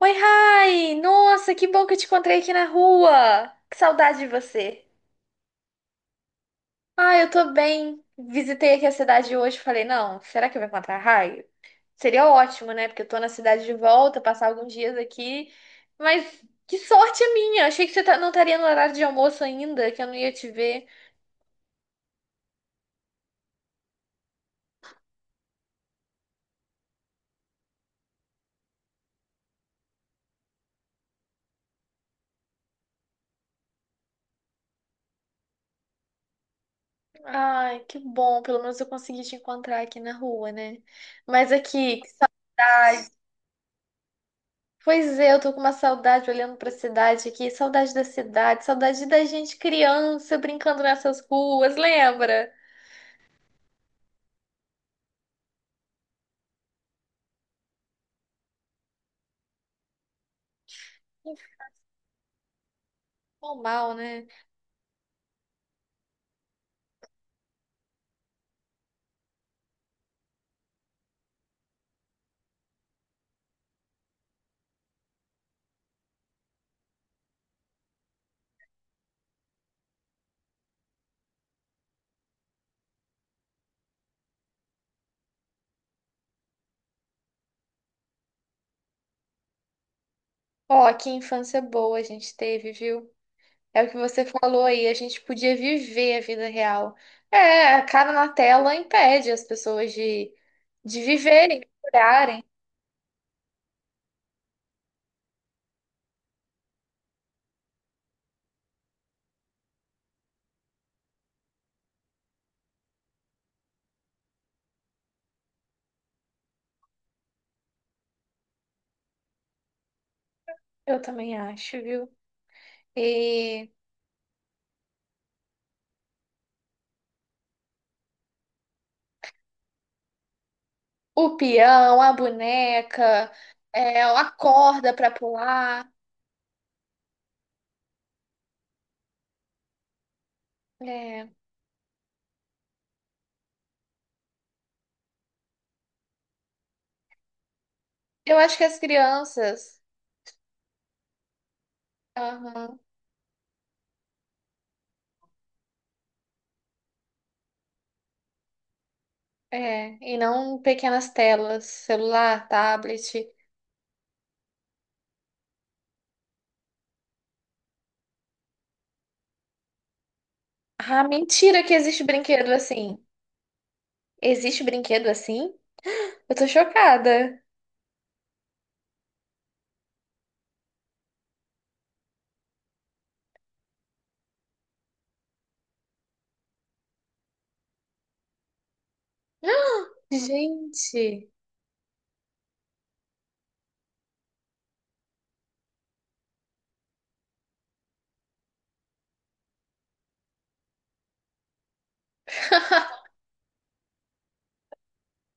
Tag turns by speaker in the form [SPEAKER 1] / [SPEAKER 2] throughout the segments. [SPEAKER 1] Oi, Rai! Nossa, que bom que eu te encontrei aqui na rua! Que saudade de você! Ah, eu tô bem. Visitei aqui a cidade hoje e falei, não, será que eu vou encontrar a Rai? Seria ótimo, né? Porque eu tô na cidade de volta, passar alguns dias aqui. Mas que sorte a minha! Achei que não estaria no horário de almoço ainda, que eu não ia te ver. Ai, que bom. Pelo menos eu consegui te encontrar aqui na rua, né? Mas aqui, que cidade? Pois é, eu tô com uma saudade olhando pra cidade aqui, saudade da cidade, saudade da gente criança brincando nessas ruas, lembra? Não mal, né? Ó, que infância boa a gente teve, viu? É o que você falou aí, a gente podia viver a vida real. É, a cara na tela impede as pessoas de viverem, de curarem. Eu também acho, viu? E o peão, a boneca, é, a corda pra pular. É, eu acho que as crianças, aham, é, e não pequenas telas, celular, tablet. Ah, mentira que existe brinquedo assim. Existe brinquedo assim? Eu tô chocada. Gente,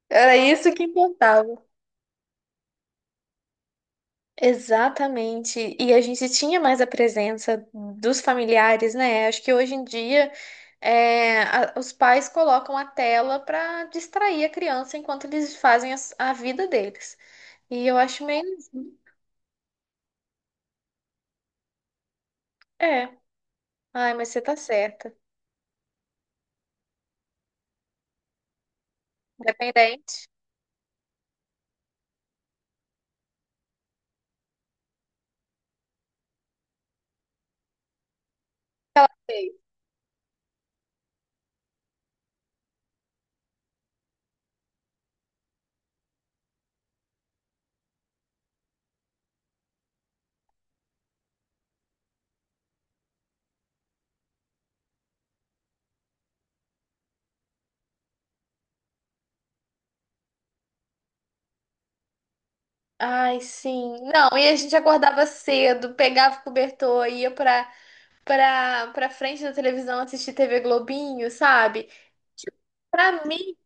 [SPEAKER 1] era isso que importava. Exatamente. E a gente tinha mais a presença dos familiares, né? Acho que hoje em dia é, os pais colocam a tela para distrair a criança enquanto eles fazem a vida deles. E eu acho meio. É. Ai, mas você tá certa. Independente. Ela fez. Ai, sim. Não, e a gente acordava cedo, pegava o cobertor, ia pra frente da televisão assistir TV Globinho, sabe? Tipo, pra mim,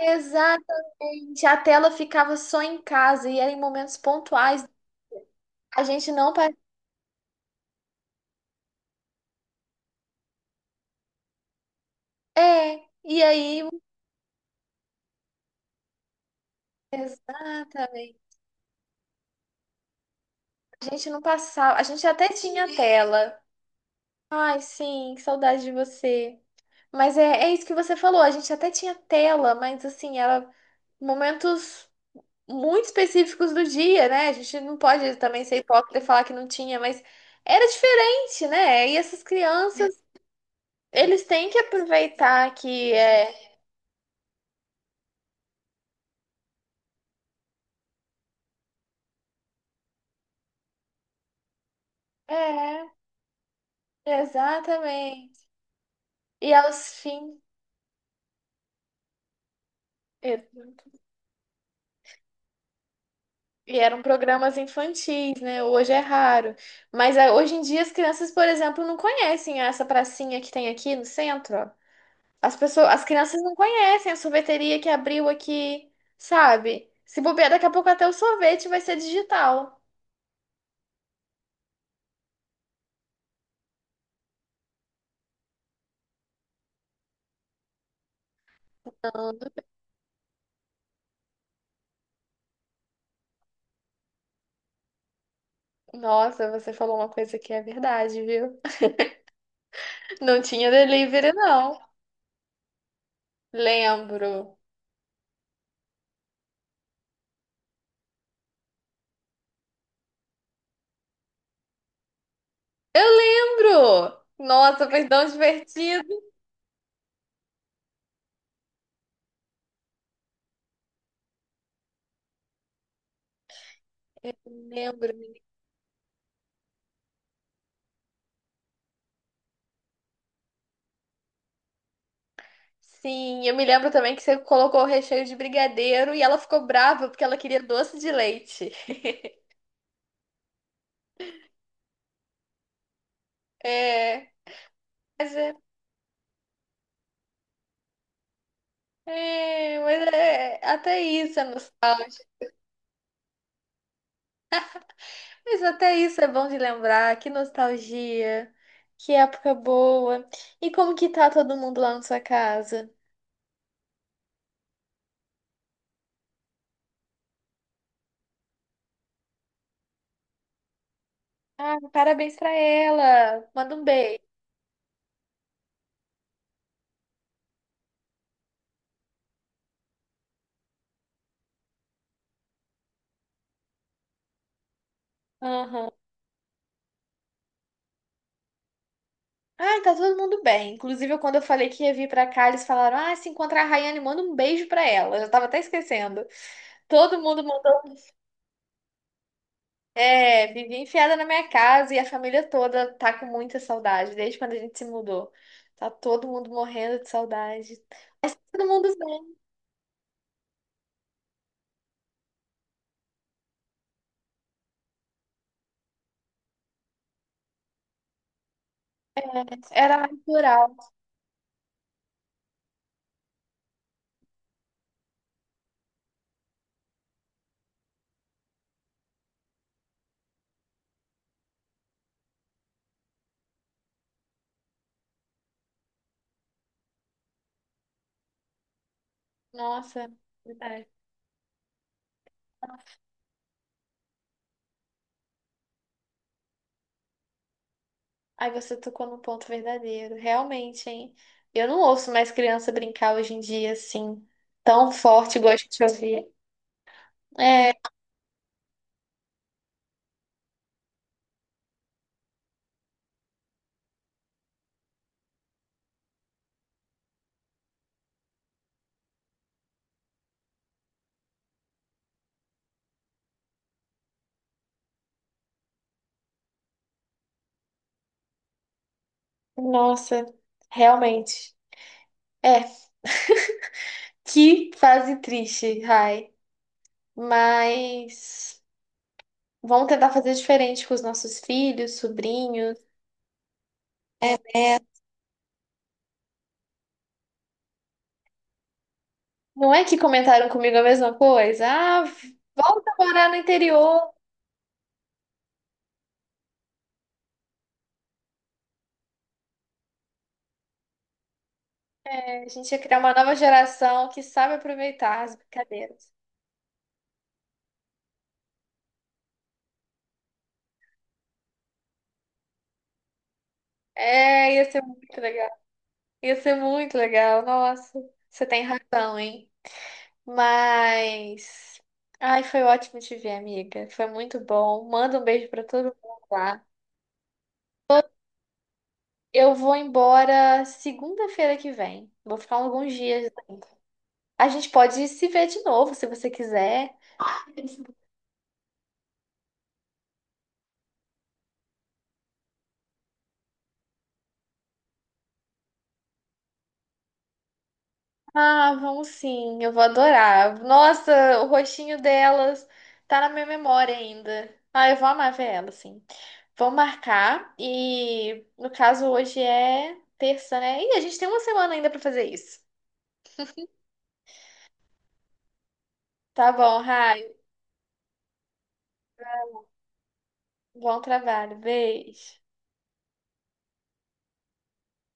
[SPEAKER 1] exatamente. A tela ficava só em casa e era em momentos pontuais. A gente não. É, e aí. Exatamente. A gente não passava. A gente até tinha tela. Ai, sim, que saudade de você. Mas é, é isso que você falou. A gente até tinha tela, mas assim, era momentos muito específicos do dia, né? A gente não pode também ser hipócrita e falar que não tinha, mas era diferente, né? E essas crianças, eles têm que aproveitar que é. É, exatamente. E aos fins. E eram programas infantis, né? Hoje é raro. Mas ah, hoje em dia as crianças, por exemplo, não conhecem essa pracinha que tem aqui no centro. As pessoas, as crianças não conhecem a sorveteria que abriu aqui, sabe? Se bobear, daqui a pouco até o sorvete vai ser digital. Nossa, você falou uma coisa que é verdade, viu? Não tinha delivery, não. Lembro. Eu lembro! Nossa, foi tão divertido. Lembro. Sim, eu me lembro também que você colocou o recheio de brigadeiro e ela ficou brava porque ela queria doce de leite. É, mas mas é até isso, é nostálgico. Mas até isso é bom de lembrar, que nostalgia, que época boa. E como que tá todo mundo lá na sua casa? Ah, parabéns pra ela. Manda um beijo. Aham. Ah, tá todo mundo bem. Inclusive, quando eu falei que ia vir pra cá, eles falaram: ah, se encontrar a Rayane, manda um beijo pra ela. Eu já tava até esquecendo. Todo mundo mandou. É, vivi enfiada na minha casa e a família toda tá com muita saudade, desde quando a gente se mudou. Tá todo mundo morrendo de saudade. Mas tá todo mundo bem. Era natural. Nossa, verdade. Aí você tocou num ponto verdadeiro. Realmente, hein? Eu não ouço mais criança brincar hoje em dia assim, tão forte igual a gente ouvia. É, nossa, realmente. É, que fase triste, Rai. Mas vamos tentar fazer diferente com os nossos filhos, sobrinhos. É, né? Não é que comentaram comigo a mesma coisa? Ah, volta a morar no interior. É, a gente ia criar uma nova geração que sabe aproveitar as brincadeiras. É, ia ser muito legal. Ia ser muito legal. Nossa, você tem razão, hein? Mas. Ai, foi ótimo te ver, amiga. Foi muito bom. Manda um beijo pra todo mundo lá. Eu vou embora segunda-feira que vem. Vou ficar alguns dias ainda. A gente pode se ver de novo, se você quiser. Ah, vamos sim, eu vou adorar. Nossa, o rostinho delas tá na minha memória ainda. Ah, eu vou amar ver elas, sim. Vamos marcar e, no caso, hoje é terça, né? Ih, a gente tem uma semana ainda pra fazer isso. Tá bom, Rai. Bom trabalho. Beijo.